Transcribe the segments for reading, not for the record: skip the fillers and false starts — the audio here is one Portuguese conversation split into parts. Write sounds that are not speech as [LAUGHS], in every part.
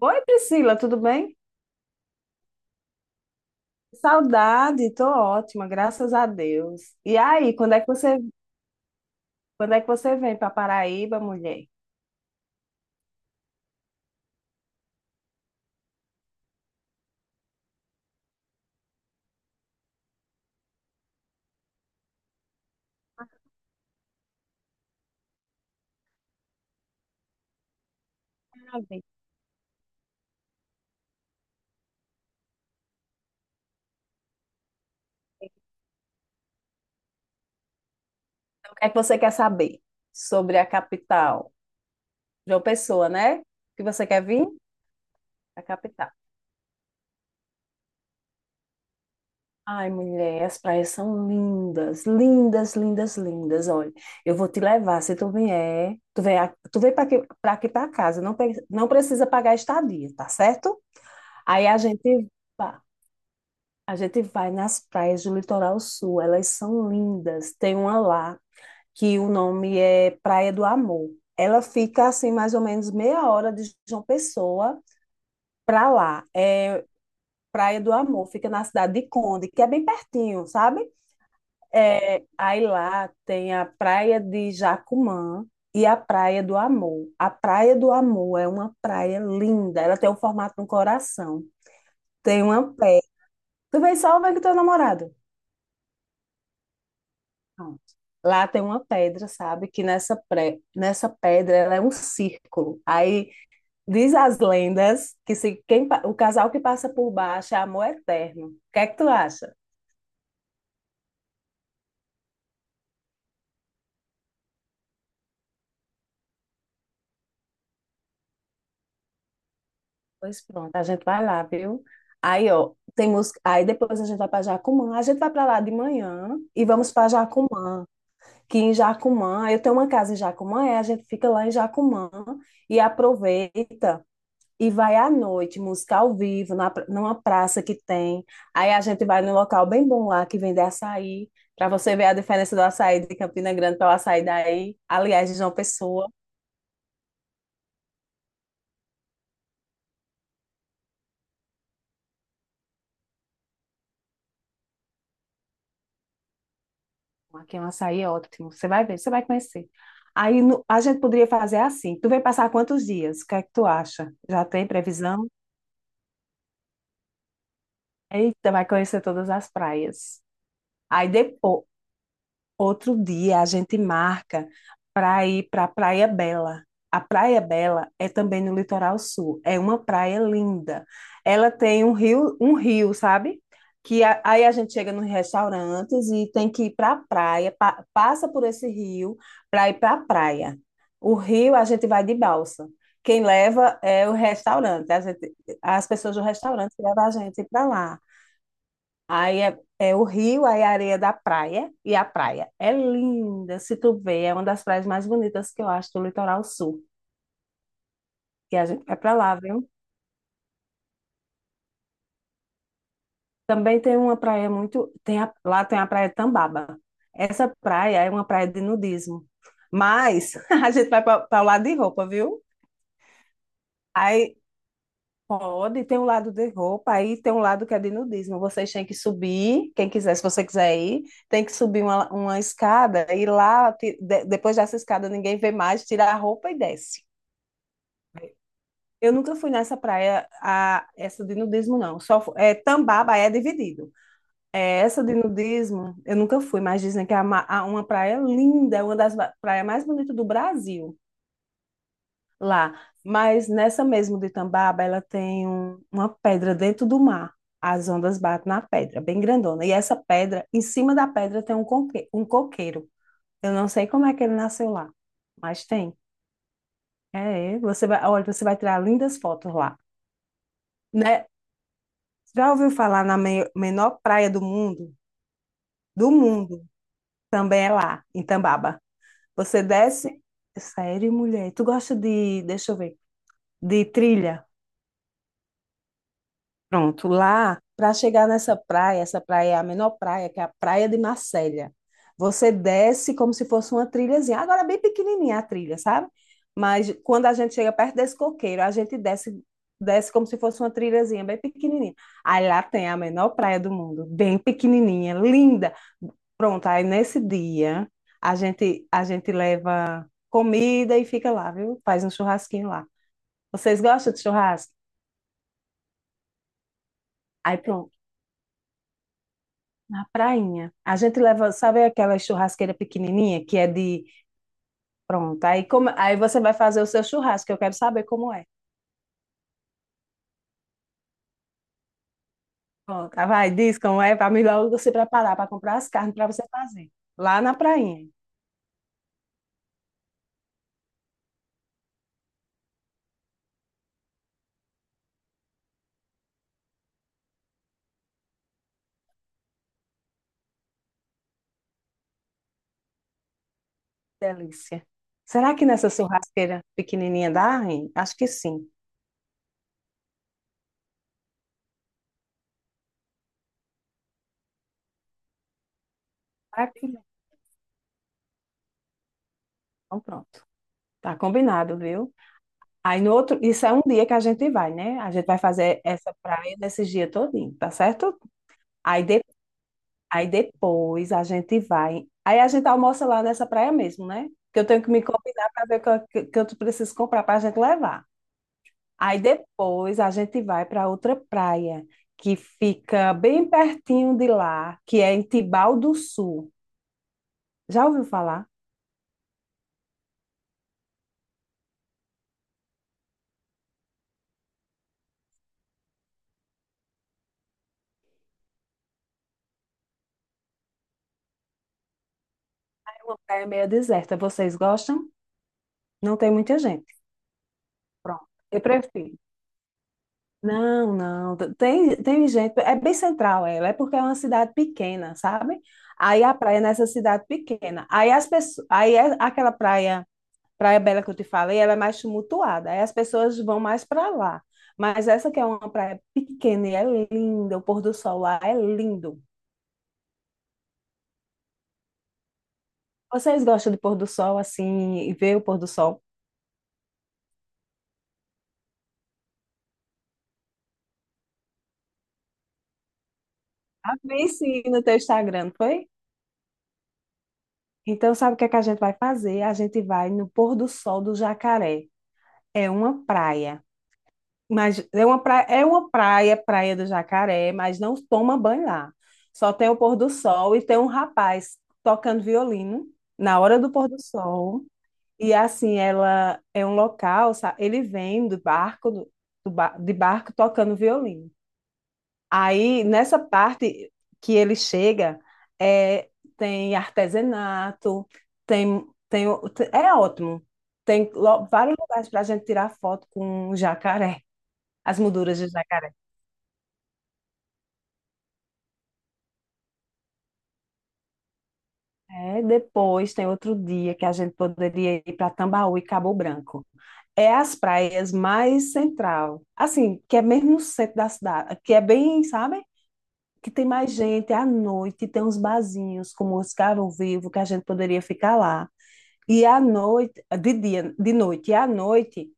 Oi, Priscila, tudo bem? Saudade, tô ótima, graças a Deus. E aí, quando é que você vem para Paraíba, mulher? Então, o que é que você quer saber sobre a capital? João Pessoa, né? Que você quer vir? A capital. Ai, mulher, as praias são lindas, lindas, lindas, lindas. Olha, eu vou te levar se tu vier. Tu vem, tu vem para aqui, para casa. Não, não precisa pagar estadia, tá certo? Aí a gente, A gente vai nas praias do litoral sul, elas são lindas. Tem uma lá que o nome é Praia do Amor. Ela fica assim mais ou menos meia hora de João Pessoa para lá. É Praia do Amor, fica na cidade de Conde, que é bem pertinho, sabe? É, aí lá tem a Praia de Jacumã e a Praia do Amor. A Praia do Amor é uma praia linda, ela tem o formato de um coração. Tem uma pedra. Tu vem só ou vem com teu namorado? Pronto. Lá tem uma pedra, sabe? Que nessa pedra ela é um círculo. Aí diz as lendas que se quem, pa- o casal que passa por baixo é amor eterno. O que é que tu acha? Pois pronto, a gente vai lá, viu? Aí, ó, tem música. Aí depois a gente vai para Jacumã. A gente vai para lá de manhã e vamos para Jacumã. Que em Jacumã, eu tenho uma casa em Jacumã, e a gente fica lá em Jacumã e aproveita. E vai à noite, música ao vivo, numa praça que tem. Aí a gente vai num local bem bom lá que vende açaí, para você ver a diferença do açaí de Campina Grande para o açaí daí. Aliás, de João Pessoa. Aqui é um açaí ótimo. Você vai ver, você vai conhecer. Aí no- A gente poderia fazer assim. Tu vem passar quantos dias? O que é que tu acha? Já tem previsão? Eita, vai conhecer todas as praias. Aí depois. Outro dia a gente marca para ir para a Praia Bela. A Praia Bela é também no litoral sul. É uma praia linda. Ela tem um rio, sabe? Que aí a gente chega nos restaurantes e tem que ir para a praia, passa por esse rio para ir para a praia. O rio a gente vai de balsa. Quem leva é o restaurante. As pessoas do restaurante levam a gente para lá. Aí é, é o rio, aí a areia da praia, e a praia é linda, se tu vê, é uma das praias mais bonitas que eu acho do litoral sul, e a gente vai pra lá, viu? Também tem uma praia muito, lá tem a praia Tambaba. Essa praia é uma praia de nudismo, mas [LAUGHS] a gente vai para o lado de roupa, viu? Aí pode, tem um lado de roupa, aí tem um lado que é de nudismo. Vocês têm que subir, quem quiser, se você quiser ir, tem que subir uma escada e lá, depois dessa escada, ninguém vê mais, tira a roupa e desce. Eu nunca fui nessa praia, a, essa de nudismo, não. É, Tambaba é dividido. É, essa de nudismo, eu nunca fui, mas dizem que é uma praia linda, é praias mais bonitas do Brasil. Lá. Mas nessa mesmo de Tambaba, ela tem uma pedra dentro do mar. As ondas batem na pedra, bem grandona. E essa pedra, em cima da pedra tem um coqueiro. Eu não sei como é que ele nasceu lá, mas tem. É, é. Você vai, olha, você vai tirar lindas fotos lá, né? Já ouviu falar menor praia do mundo? Do mundo, também é lá, em Tambaba. Você desce. Sério, mulher? Tu gosta de, deixa eu ver, de trilha? Pronto, lá, para chegar nessa praia, essa praia é a menor praia, que é a Praia de Marcélia. Você desce como se fosse uma trilhazinha. Agora é bem pequenininha a trilha, sabe? Mas quando a gente chega perto desse coqueiro, a gente desce, desce como se fosse uma trilhazinha bem pequenininha. Aí lá tem a menor praia do mundo, bem pequenininha, linda. Pronto, aí nesse dia a gente leva comida e fica lá, viu? Faz um churrasquinho lá. Vocês gostam de churrasco? Aí pronto. Na prainha. A gente leva, sabe aquela churrasqueira pequenininha que é de. Pronto. Aí, como... aí você vai fazer o seu churrasco, eu quero saber como é. Pronto. Ah, vai, diz como é, para melhor você preparar para comprar as carnes para você fazer. Lá na prainha. Delícia. Será que nessa churrasqueira pequenininha dá, hein? Acho que sim. Ah, que bom. Então, pronto. Tá combinado, viu? Aí no outro, isso é um dia que a gente vai, né? A gente vai fazer essa praia nesse dia todinho, tá certo? Aí, aí depois a gente vai. Aí a gente almoça lá nessa praia mesmo, né? Que eu tenho que me combinar para ver o que, que eu preciso comprar para a gente levar. Aí depois a gente vai para outra praia, que fica bem pertinho de lá, que é em Tibau do Sul. Já ouviu falar? É uma praia meio deserta. Vocês gostam? Não tem muita gente. Pronto. Eu prefiro. Não, não. Tem, tem gente. É bem central ela, é porque é uma cidade pequena, sabe? Aí a praia é nessa cidade pequena. Aí as pessoas, aí é aquela praia, Praia Bela que eu te falei, ela é mais tumultuada. Aí as pessoas vão mais para lá. Mas essa que é uma praia pequena e é linda, o pôr do sol lá é lindo. Vocês gostam de pôr do sol assim e ver o pôr do sol? Ah, vi sim no teu Instagram, não foi? Então sabe o que é que a gente vai fazer? A gente vai no pôr do sol do Jacaré. É uma praia. Mas é uma praia, Praia do Jacaré, mas não toma banho lá. Só tem o pôr do sol e tem um rapaz tocando violino na hora do pôr do sol. E assim, ela é um local, ele vem do barco, de barco tocando violino. Aí, nessa parte que ele chega, é, tem artesanato, tem, tem, o- é ótimo. Vários lugares para a gente tirar foto com o jacaré. As molduras de jacaré. É, depois tem outro dia que a gente poderia ir para Tambaú e Cabo Branco. É as praias mais central, assim, que é mesmo no centro da cidade, que é bem, sabe? Que tem mais gente à noite, tem uns barzinhos como os Caro Vivo, que a gente poderia ficar lá. E à noite, de dia, de noite, e à noite,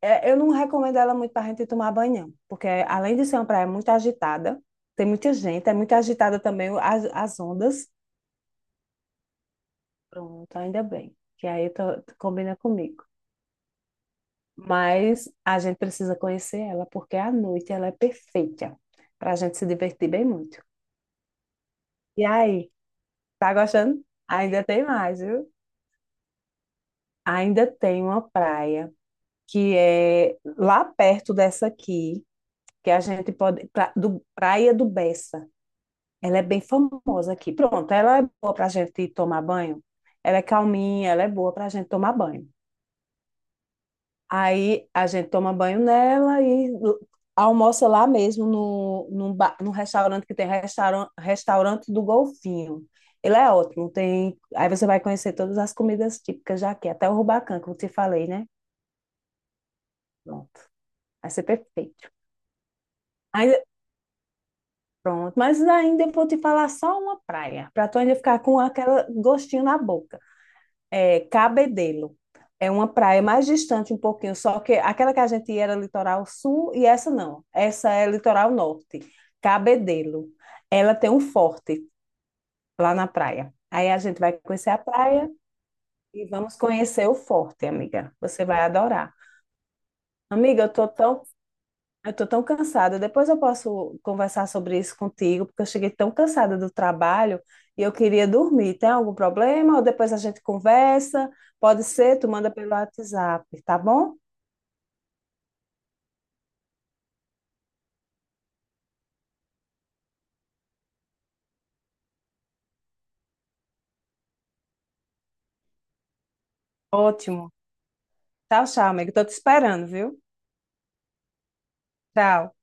é, eu não recomendo ela muito para a gente tomar banho, não, porque além de ser uma praia muito agitada, tem muita gente, é muito agitada também as ondas. Pronto, ainda bem. Que aí eu tu combina comigo. Mas a gente precisa conhecer ela, porque à noite ela é perfeita para a gente se divertir bem muito. E aí, tá gostando? Ainda tem mais, viu? Ainda tem uma praia que é lá perto dessa aqui, que a gente pode. Praia do Bessa. Ela é bem famosa aqui. Pronto, ela é boa para a gente tomar banho. Ela é calminha, ela é boa para a gente tomar banho. Aí a gente toma banho nela e almoça lá mesmo, no restaurante que tem restaurante do Golfinho. Ele é ótimo, tem. Aí você vai conhecer todas as comidas típicas daqui, até o rubacão que eu te falei, né? Pronto, vai ser perfeito. Aí, pronto, mas ainda eu vou te falar só uma praia, para tu ainda ficar com aquele gostinho na boca. É, Cabedelo. É uma praia mais distante um pouquinho, só que aquela que a gente ia era litoral sul e essa não. Essa é litoral norte, Cabedelo. Ela tem um forte lá na praia. Aí a gente vai conhecer a praia e vamos conhecer o forte, amiga. Você vai adorar. Amiga, eu tô tão, eu tô tão cansada. Depois eu posso conversar sobre isso contigo, porque eu cheguei tão cansada do trabalho e eu queria dormir. Tem algum problema? Ou depois a gente conversa? Pode ser, tu manda pelo WhatsApp, tá bom? Ótimo. Tchau, tchau, amigo. Tô te esperando, viu? Tchau.